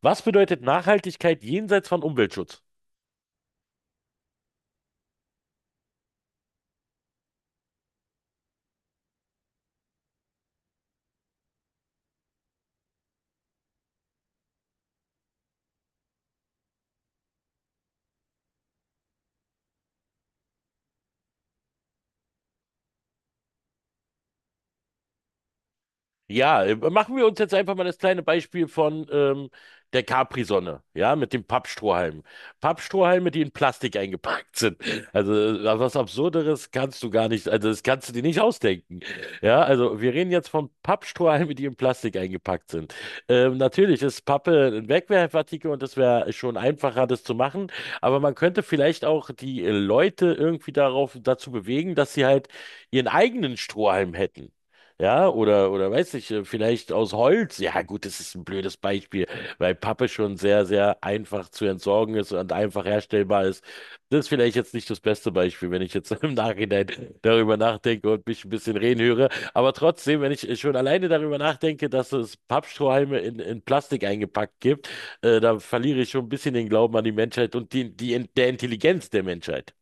Was bedeutet Nachhaltigkeit jenseits von Umweltschutz? Ja, machen wir uns jetzt einfach mal das kleine Beispiel von der Capri-Sonne, ja, mit dem Pappstrohhalm. Pappstrohhalme, die in Plastik eingepackt sind. Also was Absurderes kannst du gar nicht, also das kannst du dir nicht ausdenken. Ja, also wir reden jetzt von Pappstrohhalmen, die in Plastik eingepackt sind. Natürlich ist Pappe ein Wegwerfartikel und das wäre schon einfacher, das zu machen, aber man könnte vielleicht auch die Leute irgendwie darauf, dazu bewegen, dass sie halt ihren eigenen Strohhalm hätten. Ja, oder weiß ich, vielleicht aus Holz. Ja, gut, das ist ein blödes Beispiel, weil Pappe schon sehr, sehr einfach zu entsorgen ist und einfach herstellbar ist. Das ist vielleicht jetzt nicht das beste Beispiel, wenn ich jetzt im Nachhinein darüber nachdenke und mich ein bisschen reden höre. Aber trotzdem, wenn ich schon alleine darüber nachdenke, dass es Pappstrohhalme in Plastik eingepackt gibt, da verliere ich schon ein bisschen den Glauben an die Menschheit und der Intelligenz der Menschheit.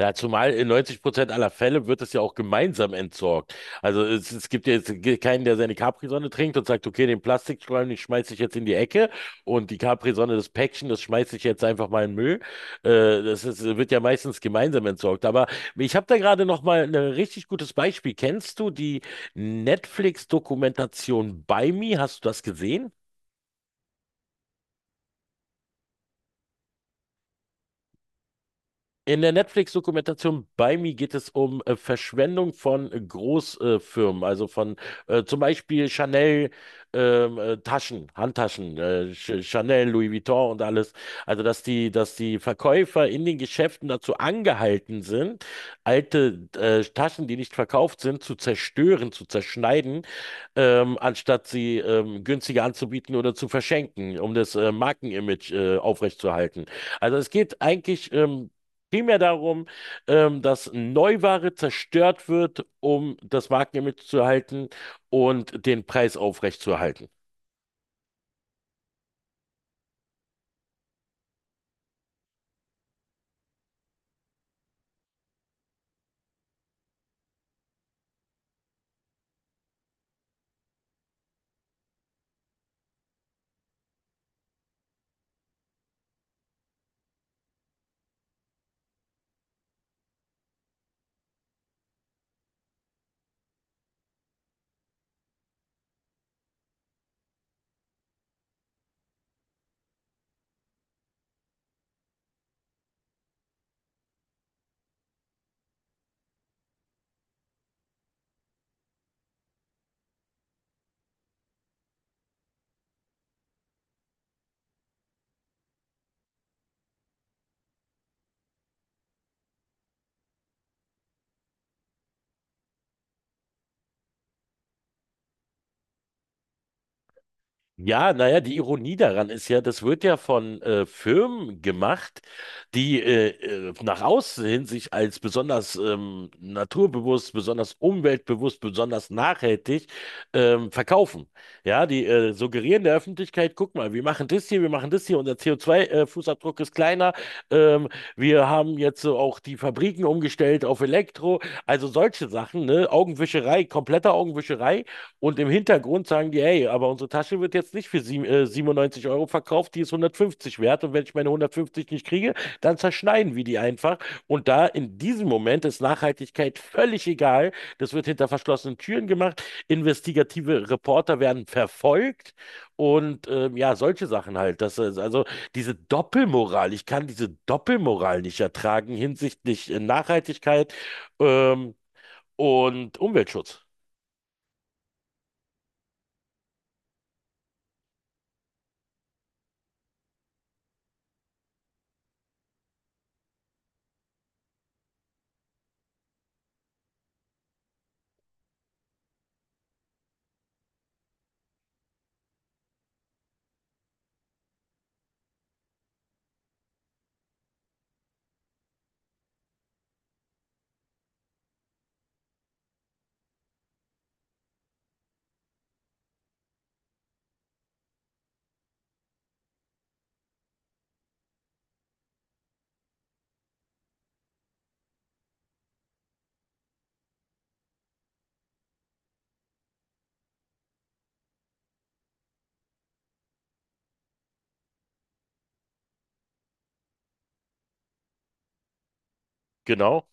Ja, zumal in 90% aller Fälle wird es ja auch gemeinsam entsorgt. Also es gibt ja jetzt keinen, der seine Capri-Sonne trinkt und sagt, okay, den Plastikstreifen, den schmeiße ich jetzt in die Ecke und die Capri-Sonne, das Päckchen, das schmeiße ich jetzt einfach mal in den Müll. Das ist, wird ja meistens gemeinsam entsorgt. Aber ich habe da gerade noch mal ein richtig gutes Beispiel. Kennst du die Netflix-Dokumentation By Me? Hast du das gesehen? In der Netflix-Dokumentation bei mir geht es um Verschwendung von Großfirmen, also von zum Beispiel Chanel, Taschen, Handtaschen, Ch Chanel, Louis Vuitton und alles. Also dass die Verkäufer in den Geschäften dazu angehalten sind, alte Taschen, die nicht verkauft sind, zu zerstören, zu zerschneiden, anstatt sie günstiger anzubieten oder zu verschenken, um das Markenimage aufrechtzuerhalten. Also es geht eigentlich primär darum, dass Neuware zerstört wird, um das Markenimage zu erhalten und den Preis aufrechtzuerhalten. Ja, naja, die Ironie daran ist ja, das wird ja von Firmen gemacht, die nach außen hin sich als besonders naturbewusst, besonders umweltbewusst, besonders nachhaltig verkaufen. Ja, die suggerieren der Öffentlichkeit, guck mal, wir machen das hier, wir machen das hier, unser CO2-Fußabdruck ist kleiner, ähm, wir haben jetzt so auch die Fabriken umgestellt auf Elektro, also solche Sachen, ne? Augenwischerei, komplette Augenwischerei. Und im Hintergrund sagen die, hey, aber unsere Tasche wird jetzt nicht für 97 € verkauft, die ist 150 wert. Und wenn ich meine 150 nicht kriege, dann zerschneiden wir die einfach. Und da in diesem Moment ist Nachhaltigkeit völlig egal. Das wird hinter verschlossenen Türen gemacht. Investigative Reporter werden verfolgt. Und ja, solche Sachen halt. Das ist also diese Doppelmoral. Ich kann diese Doppelmoral nicht ertragen hinsichtlich Nachhaltigkeit ähm, und Umweltschutz. Genau.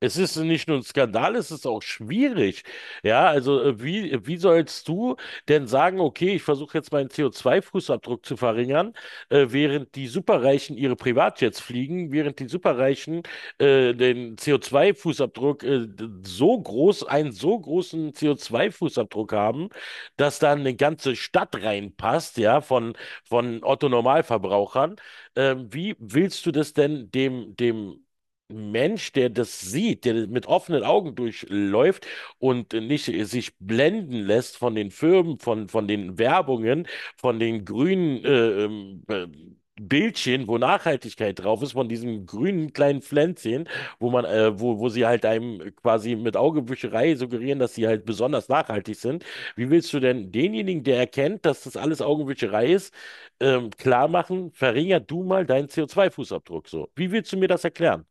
Es ist nicht nur ein Skandal, es ist auch schwierig. Ja, also wie sollst du denn sagen, okay, ich versuche jetzt meinen CO2-Fußabdruck zu verringern, während die Superreichen ihre Privatjets fliegen, während die Superreichen den CO2-Fußabdruck so groß, einen so großen CO2-Fußabdruck haben, dass da eine ganze Stadt reinpasst, ja, von, Otto-Normalverbrauchern. Wie willst du das denn dem Mensch, der das sieht, der mit offenen Augen durchläuft und nicht sich blenden lässt von den Firmen, von den Werbungen, von den grünen Bildchen, wo Nachhaltigkeit drauf ist, von diesen grünen kleinen Pflänzchen, wo sie halt einem quasi mit Augenwischerei suggerieren, dass sie halt besonders nachhaltig sind. Wie willst du denn denjenigen, der erkennt, dass das alles Augenwischerei ist, klar machen, verringerst du mal deinen CO2-Fußabdruck so? Wie willst du mir das erklären?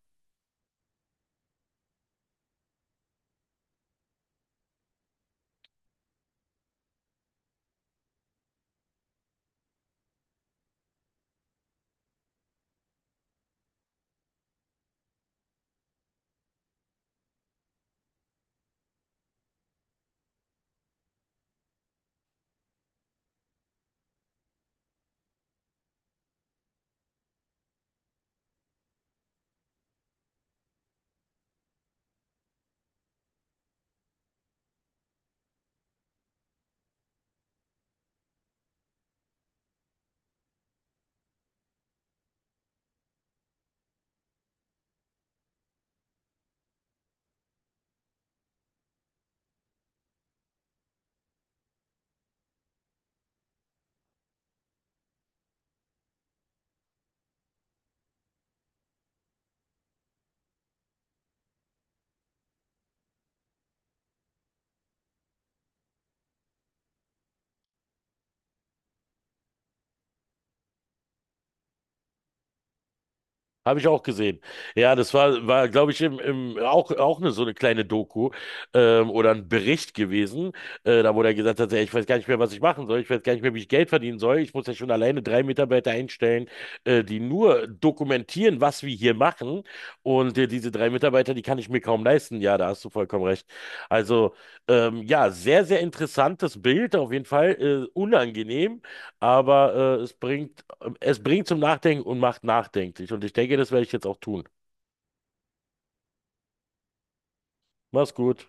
Habe ich auch gesehen. Ja, das glaube ich, auch eine, so eine kleine Doku oder ein Bericht gewesen, da wo der gesagt hat, ey, ich weiß gar nicht mehr, was ich machen soll, ich weiß gar nicht mehr, wie ich Geld verdienen soll. Ich muss ja schon alleine drei Mitarbeiter einstellen, die nur dokumentieren, was wir hier machen. Und diese drei Mitarbeiter, die kann ich mir kaum leisten. Ja, da hast du vollkommen recht. Also, ja, sehr, sehr interessantes Bild, auf jeden Fall unangenehm, aber es bringt zum Nachdenken und macht nachdenklich. Und ich denke, das werde ich jetzt auch tun. Mach's gut.